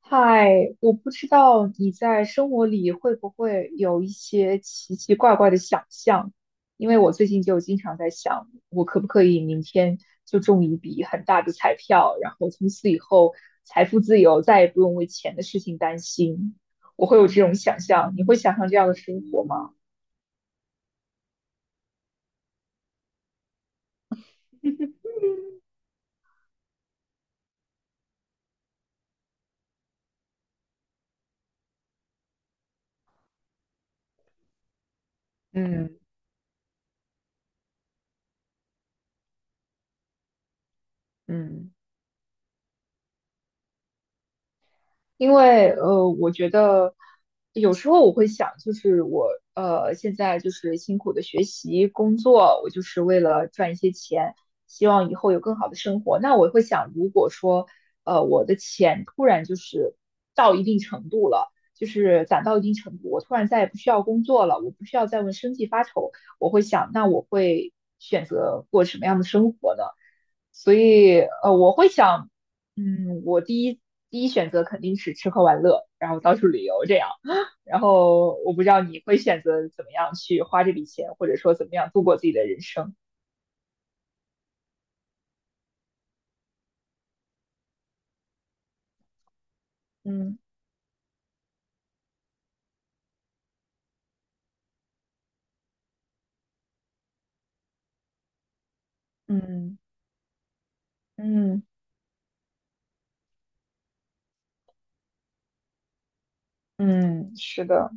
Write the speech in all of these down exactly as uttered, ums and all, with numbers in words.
嗨，我不知道你在生活里会不会有一些奇奇怪怪的想象，因为我最近就经常在想，我可不可以明天就中一笔很大的彩票，然后从此以后财富自由，再也不用为钱的事情担心。我会有这种想象，你会想象这样的生活吗？嗯嗯，因为呃，我觉得有时候我会想，就是我呃现在就是辛苦的学习工作，我就是为了赚一些钱，希望以后有更好的生活。那我会想，如果说呃我的钱突然就是到一定程度了，就是攒到一定程度，我突然再也不需要工作了，我不需要再为生计发愁，我会想，那我会选择过什么样的生活呢？所以呃，我会想。嗯，我第一第一选择肯定是吃喝玩乐，然后到处旅游这样。然后我不知道你会选择怎么样去花这笔钱，或者说怎么样度过自己的人生。嗯嗯嗯嗯，是的。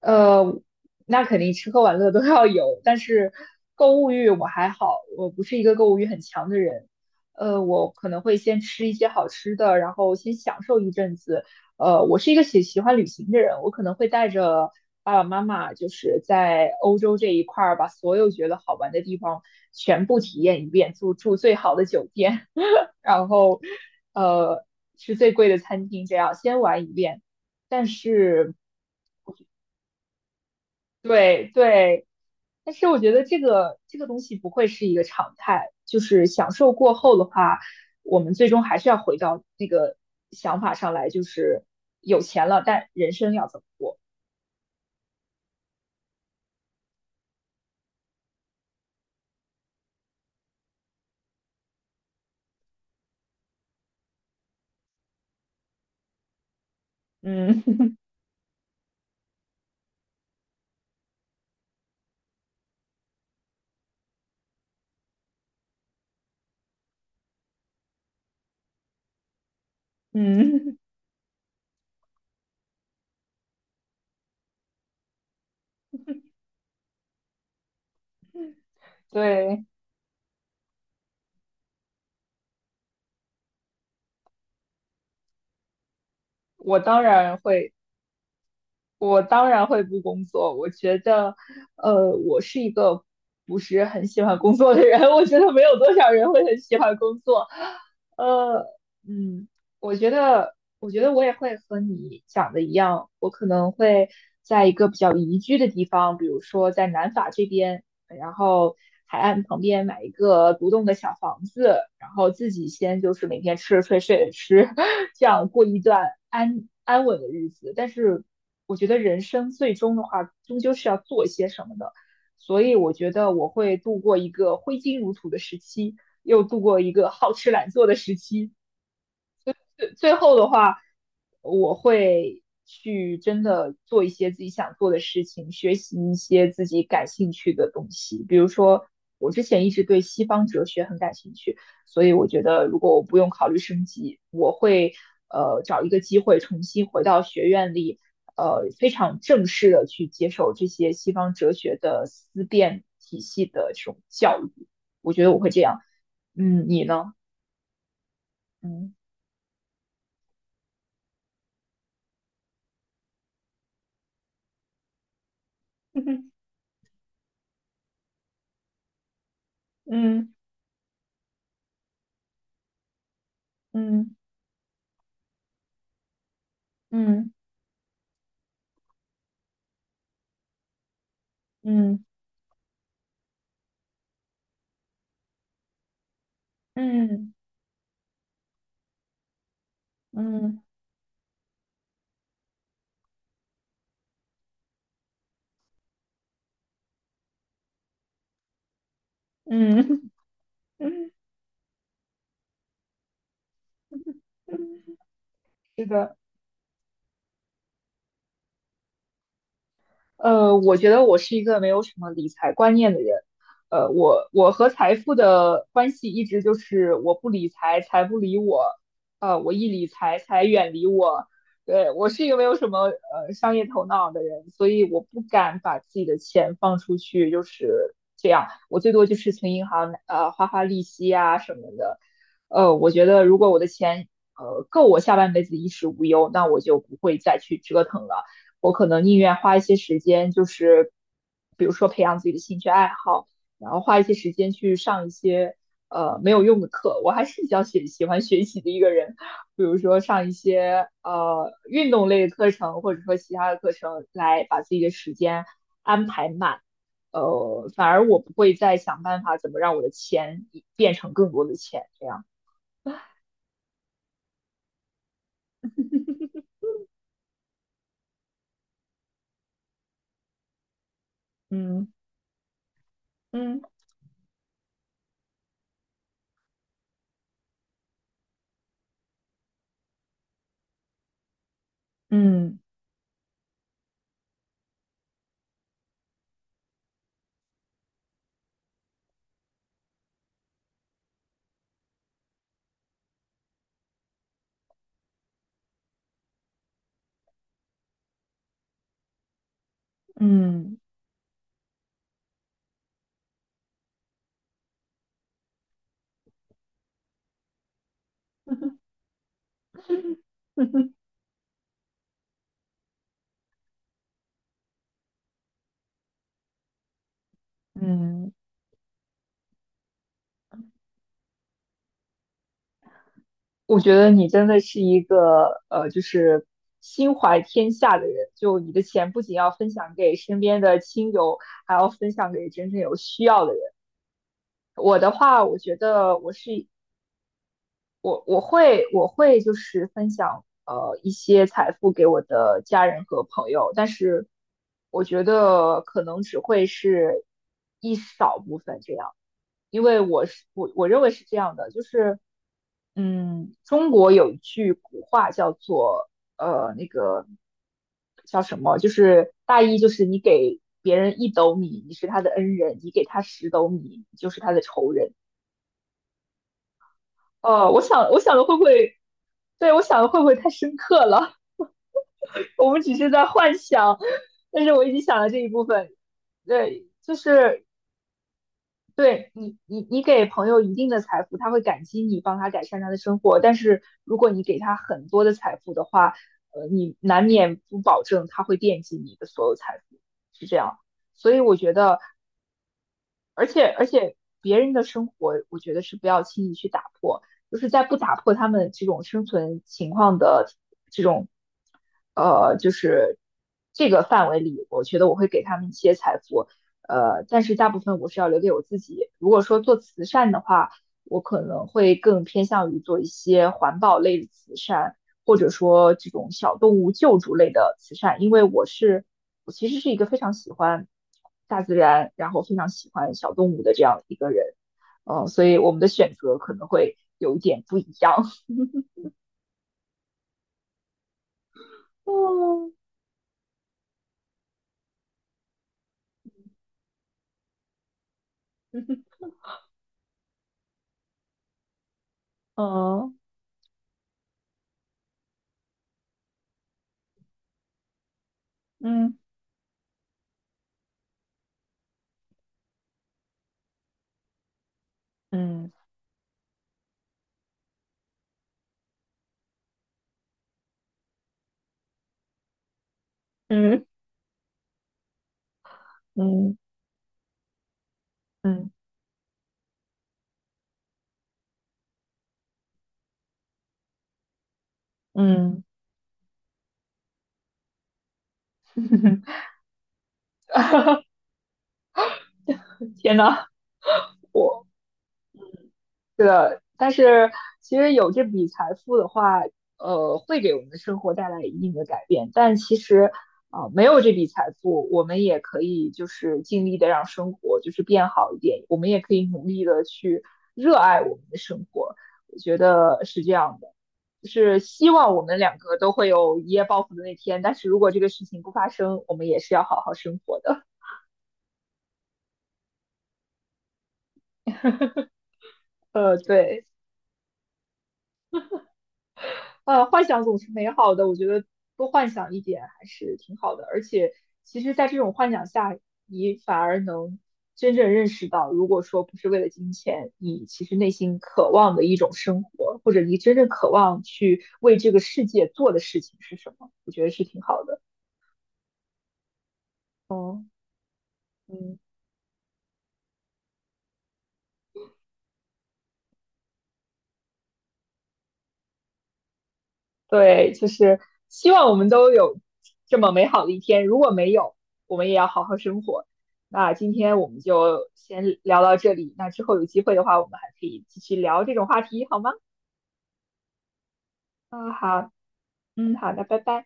呃，那肯定吃喝玩乐都要有，但是购物欲我还好，我不是一个购物欲很强的人。呃，我可能会先吃一些好吃的，然后先享受一阵子。呃，我是一个喜喜欢旅行的人，我可能会带着爸爸妈妈，就是在欧洲这一块儿，把所有觉得好玩的地方全部体验一遍，住住最好的酒店，然后呃吃最贵的餐厅，这样先玩一遍。但是。对对，但是我觉得这个这个东西不会是一个常态，就是享受过后的话，我们最终还是要回到那个想法上来，就是有钱了，但人生要怎么过？嗯 嗯，对，我当然会。我当然会不工作。我觉得，呃，我是一个不是很喜欢工作的人。我觉得没有多少人会很喜欢工作。呃，嗯，我觉得，我觉得我也会和你讲的一样，我可能会在一个比较宜居的地方，比如说在南法这边，然后海岸旁边买一个独栋的小房子，然后自己先就是每天吃着睡，睡着吃，这样过一段安安稳的日子。但是我觉得人生最终的话，终究是要做一些什么的，所以我觉得我会度过一个挥金如土的时期，又度过一个好吃懒做的时期，最最后的话，我会去真的做一些自己想做的事情，学习一些自己感兴趣的东西。比如说，我之前一直对西方哲学很感兴趣，所以我觉得如果我不用考虑升级，我会呃找一个机会重新回到学院里，呃非常正式的去接受这些西方哲学的思辨体系的这种教育。我觉得我会这样。嗯，你呢？嗯 嗯嗯。嗯嗯嗯嗯嗯，是的。呃，我觉得我是一个没有什么理财观念的人。呃，我我和财富的关系一直就是我不理财，财不理我。呃，我一理财，财远离我。对，我是一个没有什么呃商业头脑的人，所以我不敢把自己的钱放出去，就是这样。我最多就是存银行，呃，花花利息啊什么的。呃，我觉得如果我的钱呃够我下半辈子衣食无忧，那我就不会再去折腾了。我可能宁愿花一些时间，就是比如说培养自己的兴趣爱好，然后花一些时间去上一些呃没有用的课。我还是比较喜喜欢学习的一个人，比如说上一些呃运动类的课程，或者说其他的课程，来把自己的时间安排满。呃，反而我不会再想办法怎么让我的钱变成更多的钱，这样。嗯嗯嗯嗯 嗯。我觉得你真的是一个呃，就是心怀天下的人。就你的钱不仅要分享给身边的亲友，还要分享给真正有需要的人。我的话，我觉得我是我我会我会就是分享呃一些财富给我的家人和朋友，但是我觉得可能只会是一少部分这样。因为我是我我认为是这样的，就是嗯，中国有一句古话叫做呃那个叫什么，就是大意就是你给别人一斗米，你是他的恩人；你给他十斗米，你就是他的仇人。哦，我想我想的会不会，对我想的会不会太深刻了？我们只是在幻想，但是我已经想了这一部分，对，就是对你，你你给朋友一定的财富，他会感激你帮他改善他的生活。但是如果你给他很多的财富的话，呃，你难免不保证他会惦记你的所有财富，是这样。所以我觉得，而且而且别人的生活，我觉得是不要轻易去打破，就是在不打破他们这种生存情况的呃，就是这个范围里，我觉得我会给他们一些财富，呃，但是大部分我是要留给我自己。如果说做慈善的话，我可能会更偏向于做一些环保类的慈善，或者说这种小动物救助类的慈善，因为我是我其实是一个非常喜欢大自然，然后非常喜欢小动物的这样一个人，呃，所以我们的选择可能会有一点不一样。嗯，嗯，嗯嗯嗯嗯嗯嗯，天呐，对的，但是其实有这笔财富的话，呃，会给我们的生活带来一定的改变。但其实啊、呃没有这笔财富，我们也可以就是尽力的让生活就是变好一点，我们也可以努力的去热爱我们的生活。我觉得是这样的，就是希望我们两个都会有一夜暴富的那天。但是如果这个事情不发生，我们也是要好好生活的。呃，对，呃，幻想总是美好的，我觉得多幻想一点还是挺好的。而且，其实，在这种幻想下，你反而能真正认识到，如果说不是为了金钱，你其实内心渴望的一种生活，或者你真正渴望去为这个世界做的事情是什么，我觉得是挺好的。嗯嗯。对，就是希望我们都有这么美好的一天。如果没有，我们也要好好生活。那今天我们就先聊到这里，那之后有机会的话，我们还可以继续聊这种话题，好吗？嗯，好，嗯，好，的，拜拜。